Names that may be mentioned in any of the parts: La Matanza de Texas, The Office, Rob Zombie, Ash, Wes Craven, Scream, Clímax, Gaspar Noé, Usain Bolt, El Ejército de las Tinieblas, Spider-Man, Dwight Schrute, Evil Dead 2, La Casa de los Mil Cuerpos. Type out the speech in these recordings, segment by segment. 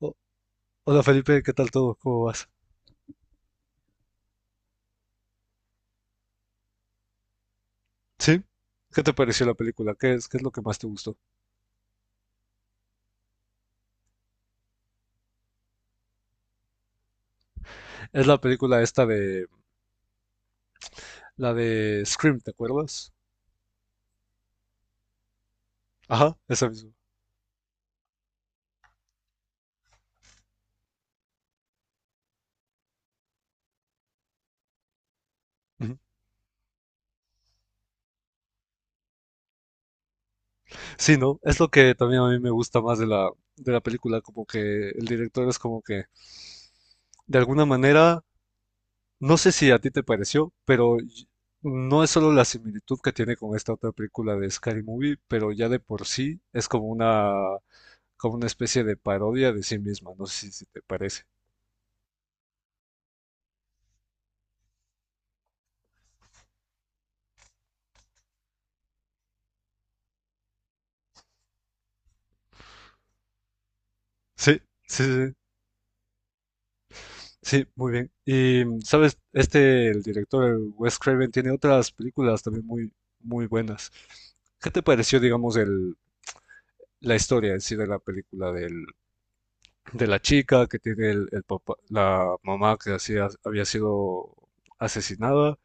O- Hola Felipe, ¿qué tal todo? ¿Cómo vas? ¿Sí? ¿Qué te pareció la película? ¿Qué es lo que más te gustó? Es la película esta de... La de Scream, ¿te acuerdas? Ajá, esa misma. Ujú. Sí, ¿no? Es lo que también a mí me gusta más de la película, como que el director es como que, de alguna manera, no sé si a ti te pareció, pero y- no es solo la similitud que tiene con esta otra película de Scary Movie, pero ya de por sí es como una especie de parodia de sí misma, no sé si te parece. Sí, sí, sí, sí, sí, muy bien. Y, ¿sabes? Este, el director, el Wes Craven, tiene otras películas también muy, muy buenas. ¿Qué te pareció, digamos, el, la historia en sí de la película del- de la chica que tiene el papá, la mamá que hacía- había sido asesinada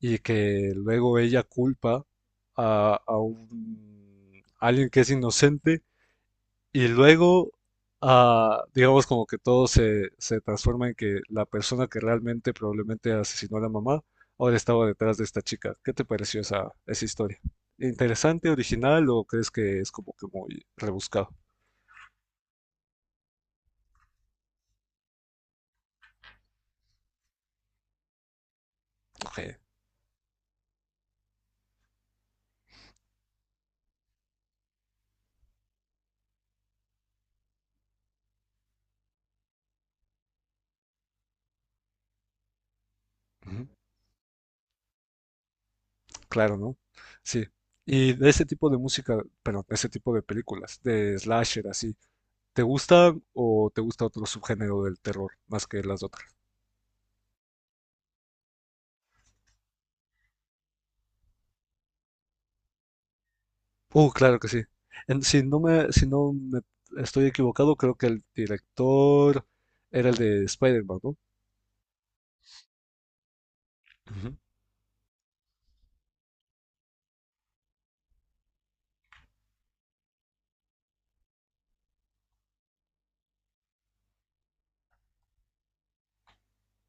y que luego ella culpa a un, a alguien que es inocente. Y luego, ah, digamos como que todo se, se transforma en que la persona que realmente probablemente asesinó a la mamá ahora estaba detrás de esta chica. ¿Qué te pareció esa, esa historia? ¿Interesante, original o crees que es como que muy rebuscado? Ok, ujú. Claro, ¿no? Sí. Y de ese tipo de música, pero ese tipo de películas, de slasher así, ¿te gusta o te gusta otro subgénero del terror más que las otras? Claro que sí. En- si no me, si no me estoy equivocado, creo que el director era el de Spider-Man, ¿no? Ujú.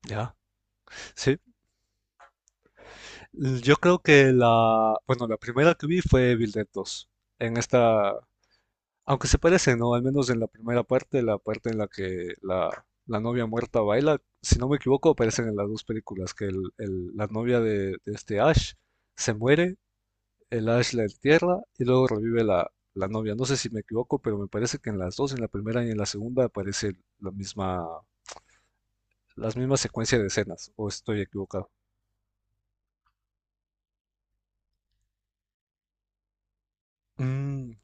Ya, sí. Yo creo que la, bueno, la primera que vi fue Evil Dead 2. En esta, aunque se parece, ¿no? Al menos en la primera parte, la parte en la que la novia muerta baila, si no me equivoco, aparecen en las dos películas, que el- la novia de este Ash se muere, el Ash la entierra y luego revive la, la novia. No sé si me equivoco, pero me parece que en las dos, en la primera y en la segunda, aparece la misma, las mismas secuencias de escenas, o estoy equivocado. Mm,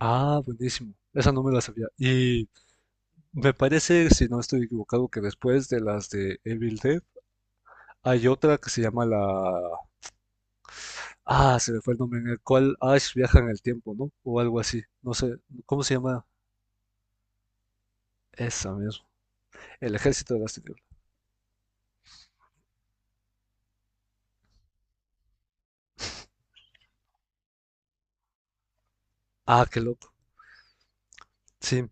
ah, buenísimo. Esa no me la sabía. Y me parece, si no estoy equivocado, que después de las de Evil Dead hay otra que se llama la... Ah, se me fue el nombre, en el cual Ash viaja en el tiempo, ¿no? O algo así. No sé, ¿cómo se llama? Esa mismo. El Ejército de las Tinieblas. Ah, qué loco. Sí.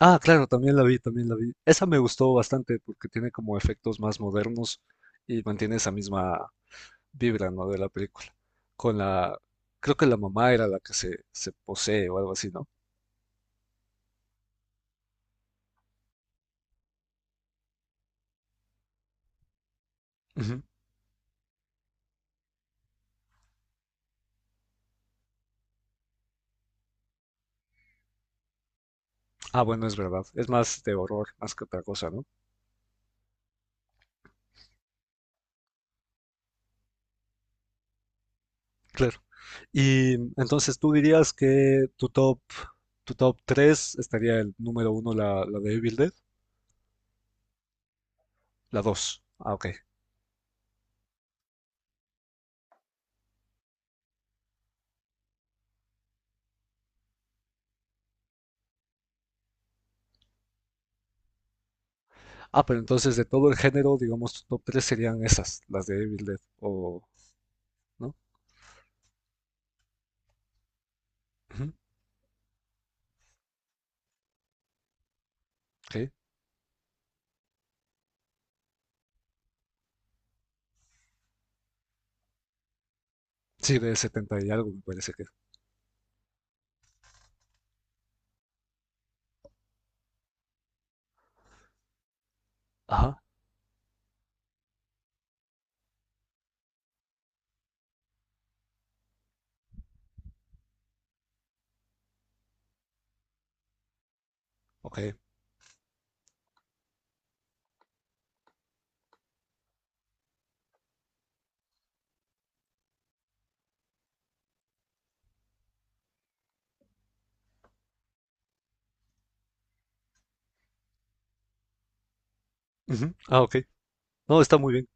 Ah, claro, también la vi, también la vi. Esa me gustó bastante porque tiene como efectos más modernos y mantiene esa misma vibra, ¿no?, de la película. Con la, creo que la mamá era la que se posee o algo así, ¿no? Ujú. Ah, bueno, es verdad. Es más de horror, más que otra cosa, ¿no? Claro. Y entonces tú dirías que tu top 3 estaría el número uno, la de Evil Dead, la 2. Ah, ok. Ah, pero entonces de todo el género, digamos, tu top 3 serían esas, las de Evil Dead, o... ¿no? Ujú, ok. Sí, de 70 y algo me parece que es. Ajá. Ok. Ujú. Ah, ok. No, está muy bien.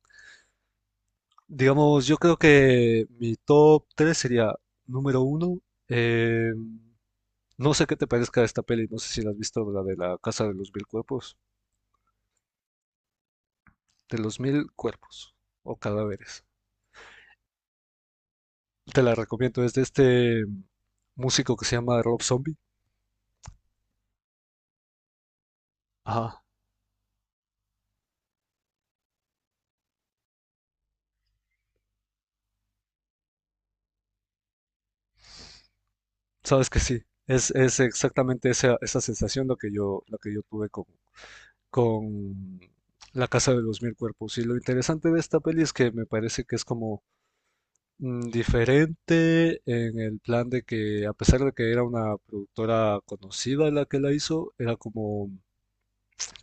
Digamos, yo creo que mi top 3 sería número 1. No sé qué te parezca esta peli, no sé si la has visto, la de la Casa de los Mil Cuerpos. De los Mil Cuerpos o Cadáveres. Te la recomiendo, es de este músico que se llama Rob Zombie. Ajá. Sabes que sí, es exactamente esa, esa sensación lo que yo tuve con La Casa de los Mil Cuerpos. Y lo interesante de esta peli es que me parece que es como diferente en el plan de que, a pesar de que era una productora conocida la que la hizo, era como,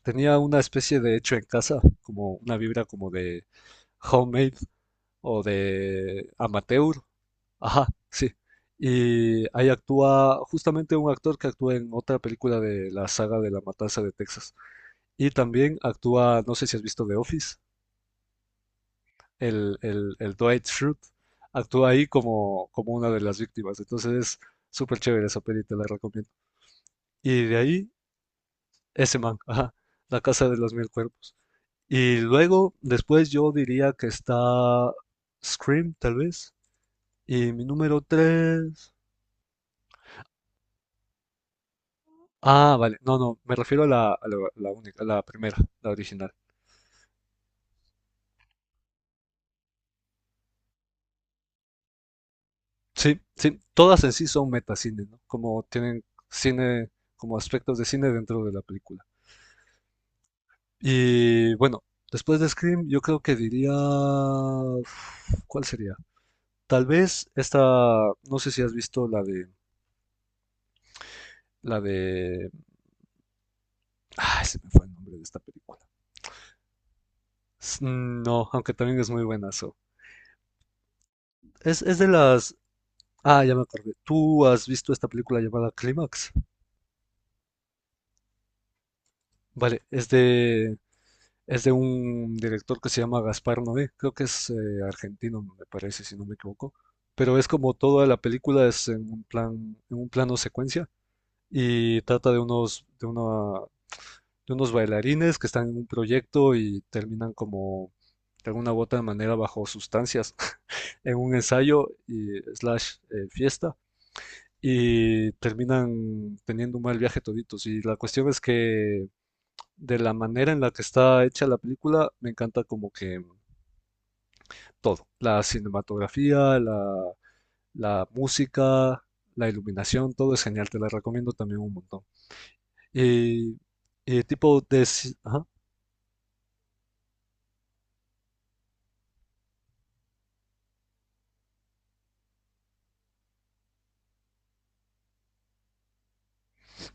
tenía una especie de hecho en casa, como una vibra como de homemade o de amateur. Ajá, sí. Y ahí actúa justamente un actor que actúa en otra película de la saga de La Matanza de Texas. Y también actúa, no sé si has visto The Office, el Dwight Schrute, actúa ahí como, como una de las víctimas. Entonces es súper chévere esa peli, te la recomiendo. Y de ahí, ese man, ajá, La Casa de los Mil Cuerpos. Y luego, después yo diría que está Scream, tal vez. Y mi número 3. Ah, vale. No, no, me refiero a la, la única, a la primera, la original. Sí, sí, todas en sí son metacine, ¿no? Como tienen cine, como aspectos de cine dentro de la película. Y bueno, después de Scream, yo creo que diría... uf, ¿cuál sería? Tal vez esta, no sé si has visto la de... Ay, se me fue el nombre de esta película. S- No, aunque también es muy buenazo. Es de las... Ah, ya me acordé. ¿Tú has visto esta película llamada Clímax? Vale, es de un director que se llama Gaspar Noé, creo que es argentino, me parece, si no me equivoco, pero es como toda la película es en un plan, en un plano secuencia y trata de unos, de una, de unos bailarines que están en un proyecto y terminan como de alguna u otra manera bajo sustancias en un ensayo y slash fiesta y terminan teniendo un mal viaje toditos y la cuestión es que de la manera en la que está hecha la película, me encanta como que todo, la cinematografía, la música, la iluminación, todo es genial, te la recomiendo también un montón. Y, y tipo de... ci- Ajá,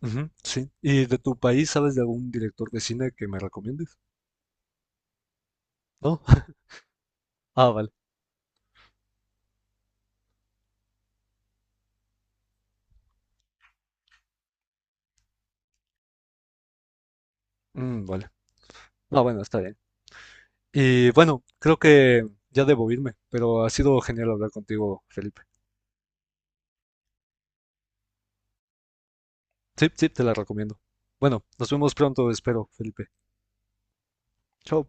ujú, sí. ¿Y de tu país sabes de algún director de cine que me recomiendes? ¿No? Ah, vale. Mm, vale. Ah, bueno, está bien. Y bueno, creo que ya debo irme, pero ha sido genial hablar contigo, Felipe. Sí, sí, te la recomiendo. Bueno, nos vemos pronto, espero, Felipe. Chao.